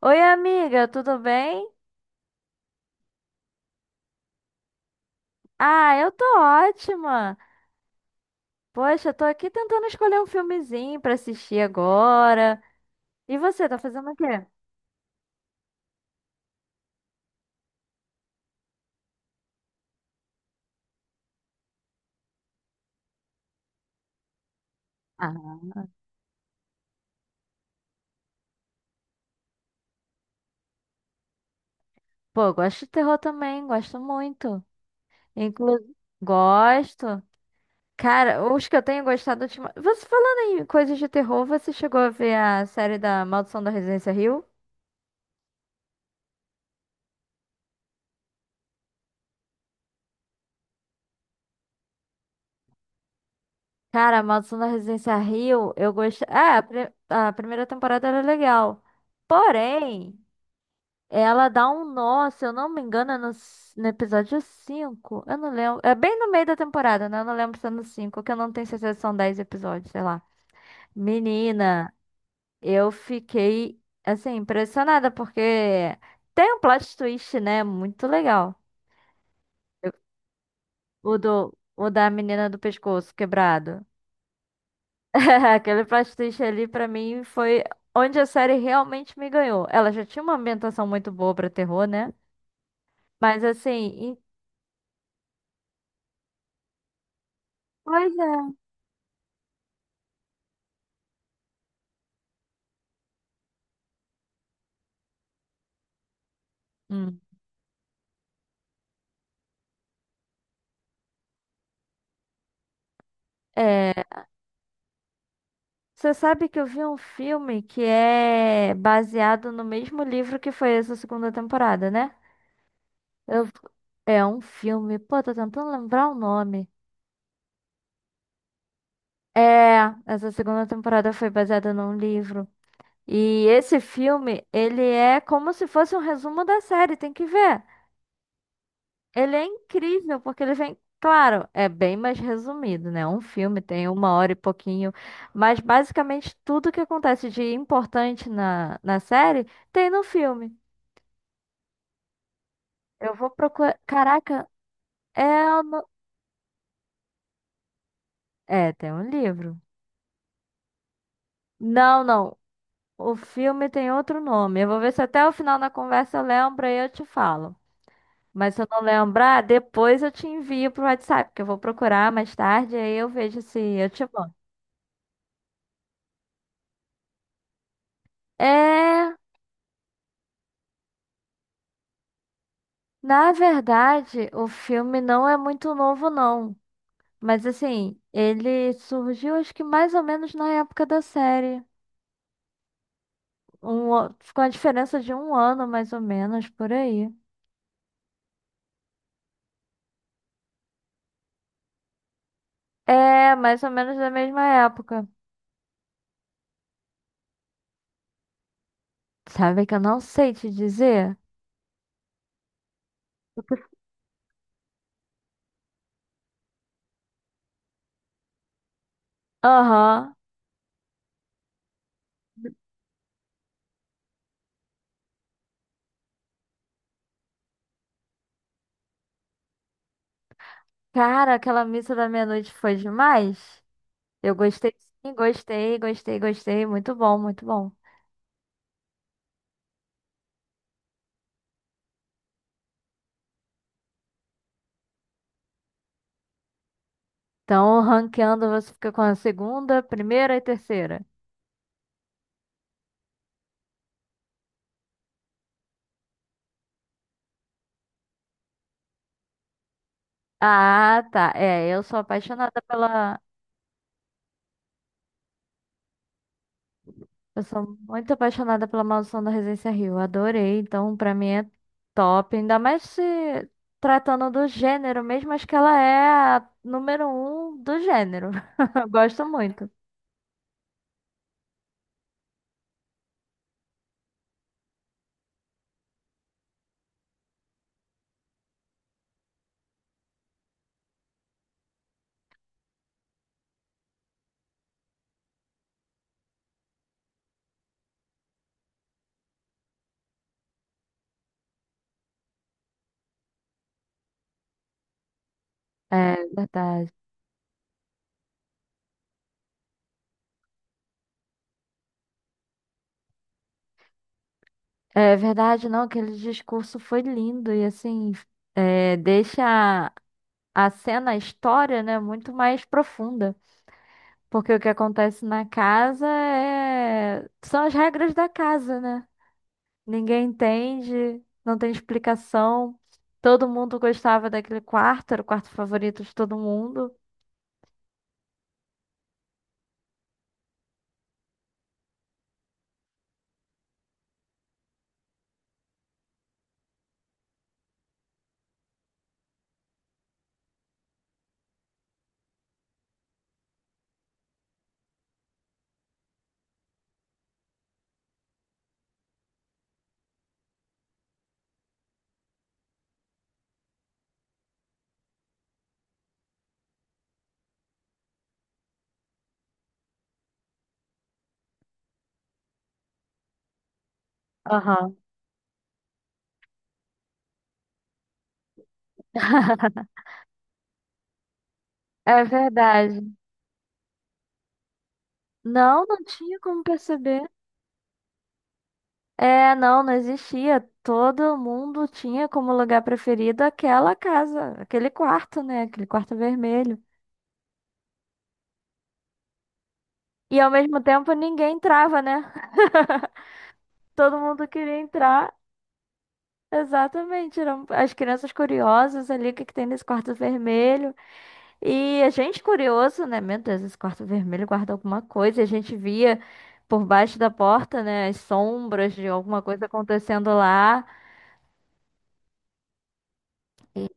Oi, amiga, tudo bem? Ah, eu tô ótima. Poxa, eu tô aqui tentando escolher um filmezinho pra assistir agora. E você, tá fazendo o quê? Ah, pô, eu gosto de terror também, gosto muito. Inclusive, gosto. Cara, os que eu tenho gostado ultimamente. Você falando em coisas de terror, você chegou a ver a série da Maldição da Residência Hill? Cara, a Maldição da Residência Hill, eu gostei. Ah, a primeira temporada era legal. Porém. Ela dá um nó, se eu não me engano, é no episódio cinco. Eu não lembro. É bem no meio da temporada, né? Eu não lembro se é no 5 que eu não tenho certeza se são 10 episódios, sei lá. Menina, eu fiquei, assim, impressionada, porque tem um plot twist, né? Muito legal. Eu- o da menina do pescoço quebrado. Aquele plot twist ali, pra mim, foi onde a série realmente me ganhou. Ela já tinha uma ambientação muito boa pra terror, né? Mas, assim. Pois é. Hum. É, você sabe que eu vi um filme que é baseado no mesmo livro que foi essa segunda temporada, né? Eu- É um filme, pô, tô tentando lembrar o nome. É, essa segunda temporada foi baseada num livro. E esse filme, ele é como se fosse um resumo da série, tem que ver. Ele é incrível, porque ele vem. Claro, é bem mais resumido, né? Um filme tem uma hora e pouquinho, mas basicamente tudo que acontece de importante na série tem no filme. Eu vou procurar. Caraca, é. O no- É, tem um livro. Não, não. O filme tem outro nome. Eu vou ver se até o final da conversa eu lembro e eu te falo. Mas se eu não lembrar, depois eu te envio pro WhatsApp, porque eu vou procurar mais tarde, aí eu vejo se eu te mando. É. Na verdade, o filme não é muito novo, não. Mas assim, ele surgiu acho que mais ou menos na época da série. Com a diferença de um ano, mais ou menos, por aí. É, mais ou menos da mesma época. Sabe que eu não sei te dizer? Aham. Cara, aquela missa da meia-noite foi demais. Eu gostei, sim, gostei, gostei, gostei. Muito bom, muito bom. Então, ranqueando, você fica com a segunda, primeira e terceira. Ah, tá. É, eu sou apaixonada pela. Eu sou muito apaixonada pela Maldição da Residência Rio. Adorei. Então, pra mim é top. Ainda mais se tratando do gênero mesmo. Acho que ela é a número um do gênero. Eu gosto muito. É verdade. É verdade, não. Aquele discurso foi lindo. E assim, é, deixa a a cena, a história, né, muito mais profunda. Porque o que acontece na casa é, são as regras da casa, né? Ninguém entende, não tem explicação. Todo mundo gostava daquele quarto, era o quarto favorito de todo mundo. Aham. É verdade. Não, não tinha como perceber. É, não, não existia. Todo mundo tinha como lugar preferido aquela casa, aquele quarto, né? Aquele quarto vermelho. E ao mesmo tempo ninguém entrava, né? Todo mundo queria entrar. Exatamente. Eram as crianças curiosas ali, o que que tem nesse quarto vermelho? E a gente curioso, né? Meu Deus, esse quarto vermelho guarda alguma coisa. E a gente via por baixo da porta, né? As sombras de alguma coisa acontecendo lá. E-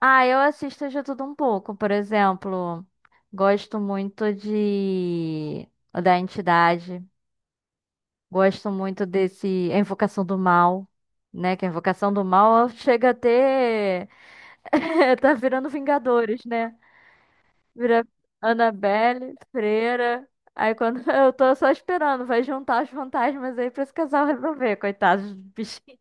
Ah, eu assisto de tudo um pouco. Por exemplo, gosto muito de da Entidade. Gosto muito desse A Invocação do Mal, né? Que a Invocação do Mal chega a ter tá virando Vingadores, né? Vira Annabelle, Freira. Aí quando eu tô só esperando, vai juntar os fantasmas aí pra esse casal resolver, coitados dos bichinhos.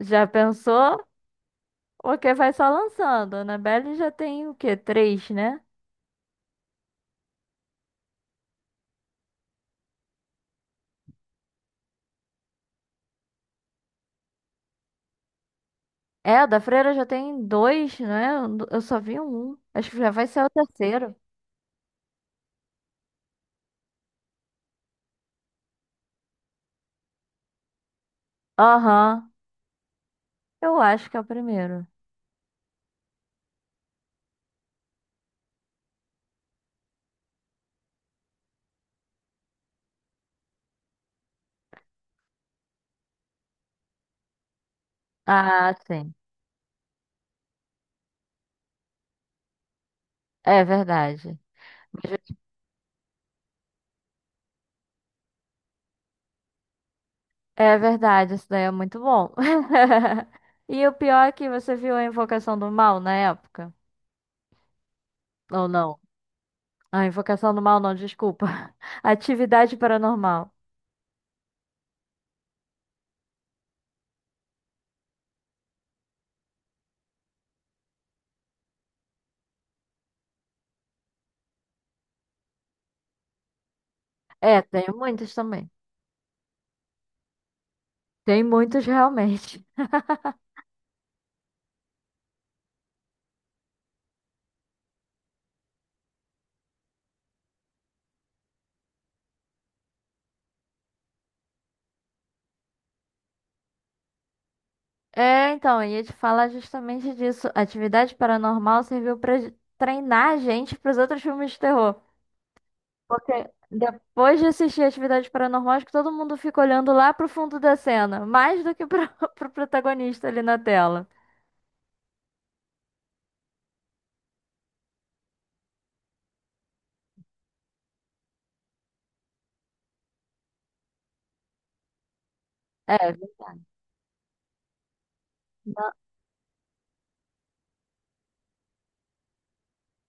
Já pensou? Porque vai só lançando. Annabelle já tem o quê? Três, né? É, a da Freira já tem dois, né? Eu só vi um. Acho que já vai ser o terceiro. Aham. Eu acho que é o primeiro. Ah, sim. É verdade. É verdade, isso daí é muito bom. E o pior é que você viu a Invocação do Mal na época? Ou não. Ah, Invocação do Mal, não, desculpa. Atividade Paranormal. É, tem muitos também. Tem muitos realmente. É, então, eu ia te falar justamente disso. Atividade Paranormal serviu pra treinar a gente pros outros filmes de terror. Porque depois de assistir Atividade Paranormal, acho que todo mundo fica olhando lá pro fundo da cena, mais do que pra, pro protagonista ali na tela. É,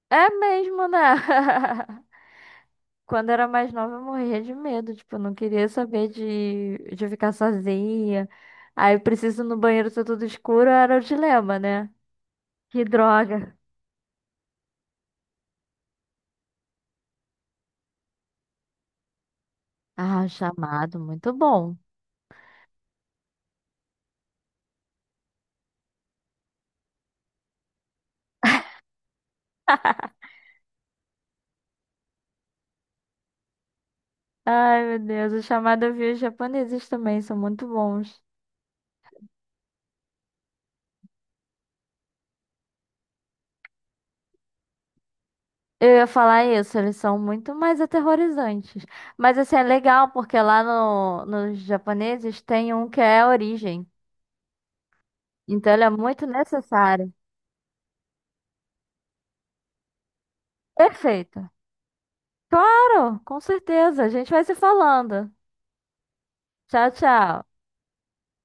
é mesmo, né? Quando eu era mais nova, eu morria de medo. Tipo, eu não queria saber de ficar sozinha. Aí eu preciso ir no banheiro ser tudo escuro, era o dilema, né? Que droga. Ah, O Chamado, muito bom. Ai, meu Deus, O Chamado eu vi os japoneses também, são muito bons. Eu ia falar isso, eles são muito mais aterrorizantes. Mas assim, é legal, porque lá no, nos japoneses tem um que é a origem. Então ele é muito necessário. Perfeito. Claro, com certeza. A gente vai se falando. Tchau, tchau.